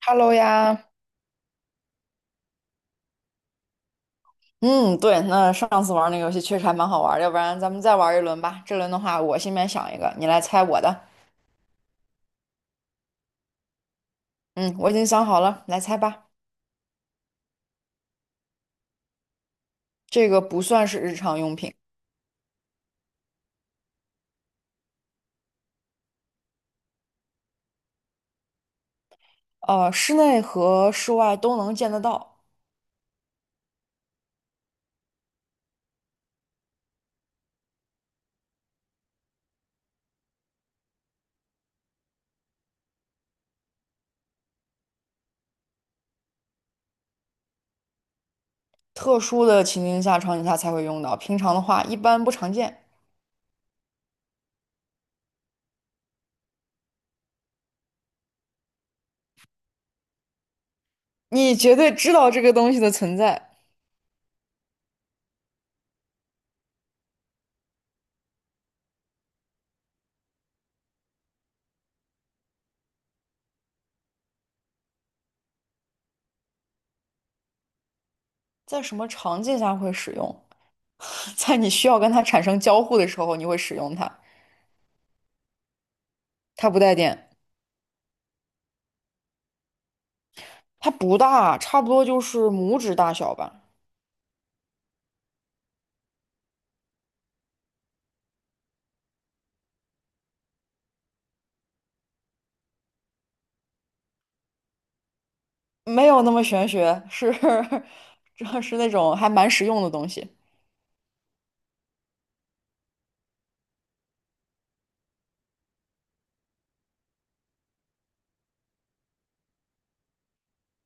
Hello 呀，嗯，对，那上次玩那个游戏确实还蛮好玩儿，要不然咱们再玩一轮吧。这轮的话，我心里面想一个，你来猜我的。嗯，我已经想好了，来猜吧。这个不算是日常用品，室内和室外都能见得到，特殊的情境下、场景下才会用到，平常的话一般不常见。你绝对知道这个东西的存在，在什么场景下会使用？在你需要跟它产生交互的时候，你会使用它。它不带电。它不大，差不多就是拇指大小吧，没有那么玄学，是 这是那种还蛮实用的东西。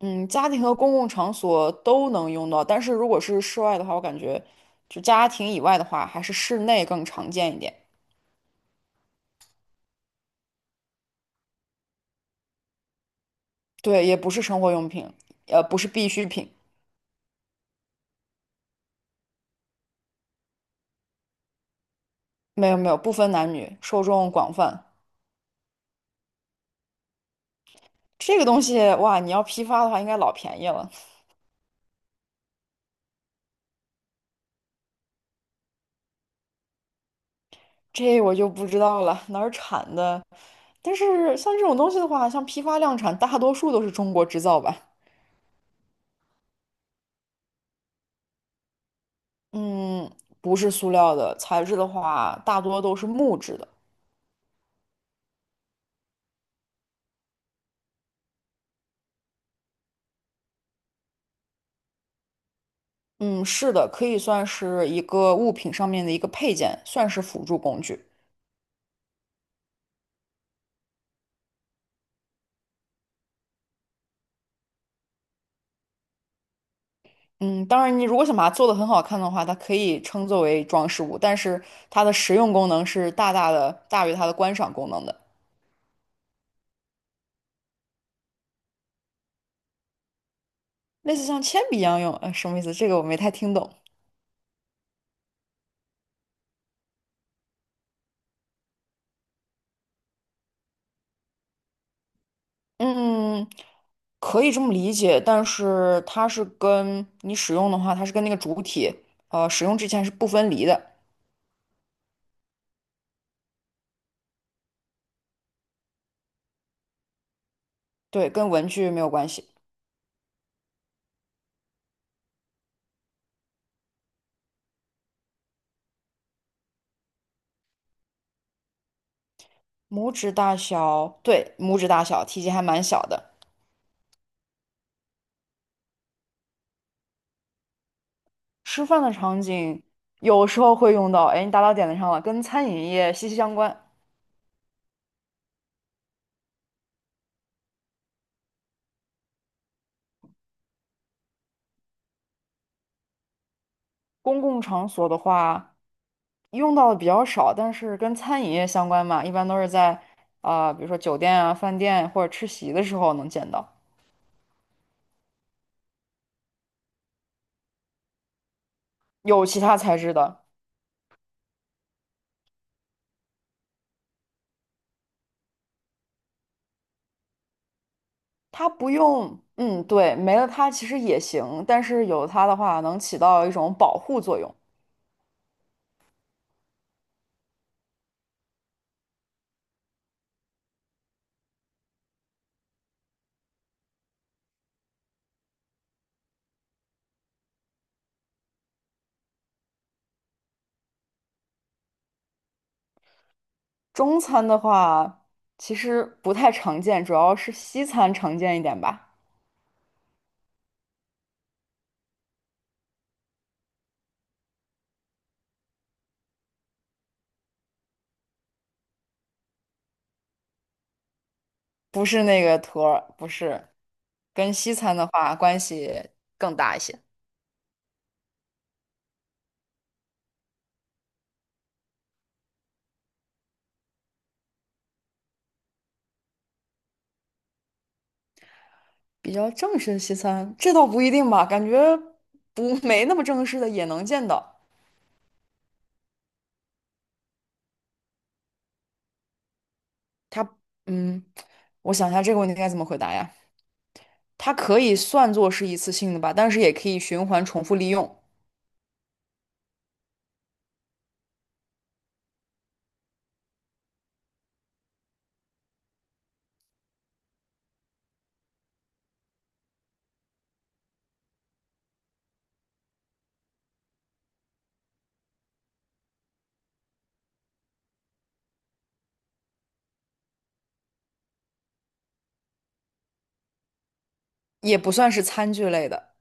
嗯，家庭和公共场所都能用到，但是如果是室外的话，我感觉就家庭以外的话，还是室内更常见一点。对，也不是生活用品，不是必需品，没有没有，不分男女，受众广泛。这个东西哇，你要批发的话，应该老便宜了，这我就不知道了，哪儿产的？但是像这种东西的话，像批发量产，大多数都是中国制造吧。嗯，不是塑料的，材质的话，大多都是木质的。嗯，是的，可以算是一个物品上面的一个配件，算是辅助工具。嗯，当然，你如果想把它做得很好看的话，它可以称作为装饰物，但是它的实用功能是大大的大于它的观赏功能的。类似像铅笔一样用，什么意思？这个我没太听懂。嗯，可以这么理解，但是它是跟你使用的话，它是跟那个主体，使用之前是不分离的，对，跟文具没有关系。拇指大小，对，拇指大小，体积还蛮小的。吃饭的场景有时候会用到，哎，你打到点子上了，跟餐饮业息息相关。公共场所的话，用到的比较少，但是跟餐饮业相关嘛，一般都是在啊、比如说酒店啊、饭店或者吃席的时候能见到。有其他材质的。它不用，嗯，对，没了它其实也行，但是有它的话能起到一种保护作用。中餐的话其实不太常见，主要是西餐常见一点吧，不是那个托儿，不是，跟西餐的话关系更大一些。比较正式的西餐，这倒不一定吧，感觉不 没那么正式的也能见到。它，嗯，我想一下这个问题该怎么回答呀？它可以算作是一次性的吧，但是也可以循环重复利用。也不算是餐具类的。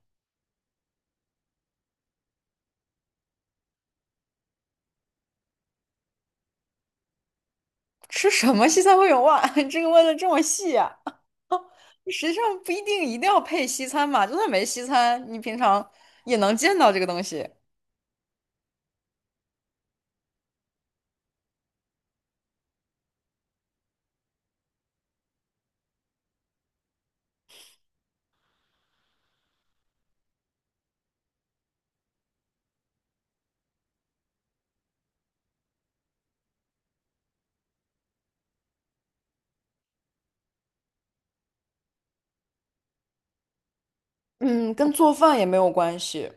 吃什么西餐会有袜？这个问的这么细啊？实际上不一定一定要配西餐嘛，就算没西餐，你平常也能见到这个东西。嗯，跟做饭也没有关系，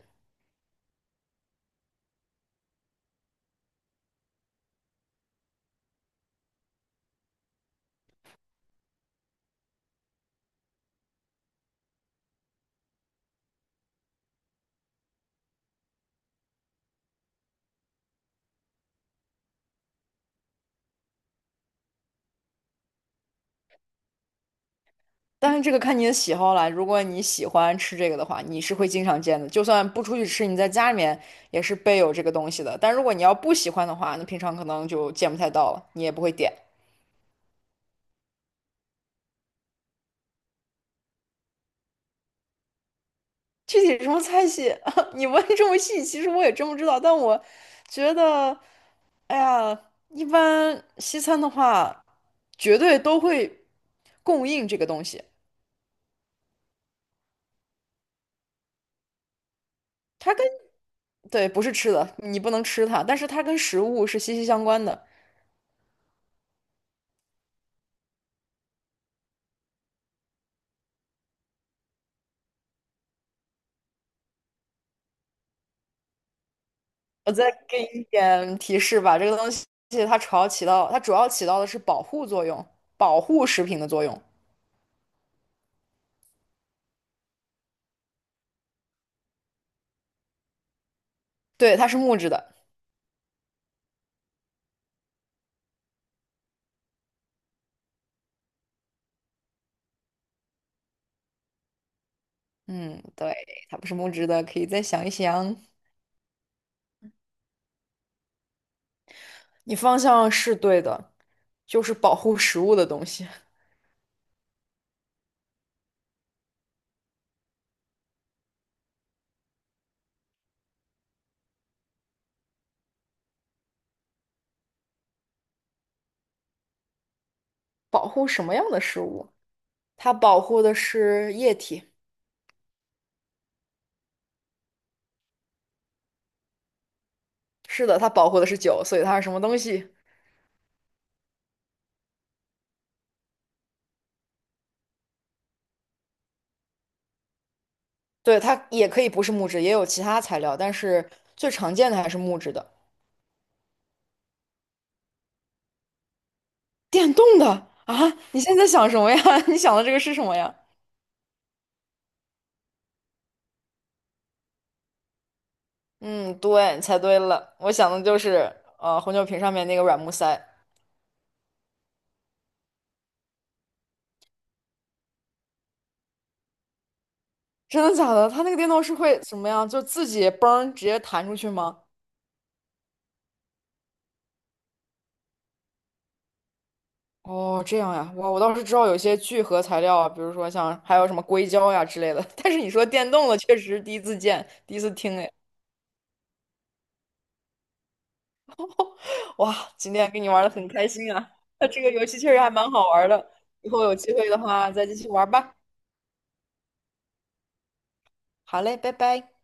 但是这个看你的喜好啦。如果你喜欢吃这个的话，你是会经常见的，就算不出去吃，你在家里面也是备有这个东西的。但如果你要不喜欢的话，那平常可能就见不太到了，你也不会点。具体什么菜系，你问这么细，其实我也真不知道，但我觉得。哎呀，一般西餐的话，绝对都会供应这个东西。它跟，对，不是吃的，你不能吃它，但是它跟食物是息息相关的。我再给你一点提示吧，这个东西它主要起到，它主要起到的是保护作用，保护食品的作用。对，它是木质的。嗯，对，它不是木质的，可以再想一想。你方向是对的，就是保护食物的东西。保护什么样的食物？它保护的是液体。是的，它保护的是酒，所以它是什么东西？对，它也可以不是木质，也有其他材料，但是最常见的还是木质的。电动的啊？你现在想什么呀？你想的这个是什么呀？嗯，对，猜对了，我想的就是红酒瓶上面那个软木塞。真的假的？它那个电动是会什么呀？就自己嘣直接弹出去吗？哦，这样呀，哇，我倒是知道有一些聚合材料啊，比如说像还有什么硅胶呀之类的，但是你说电动的，确实第一次见，第一次听哎哇，今天跟你玩的很开心啊！那这个游戏确实还蛮好玩的，以后有机会的话再继续玩吧。好嘞，拜拜。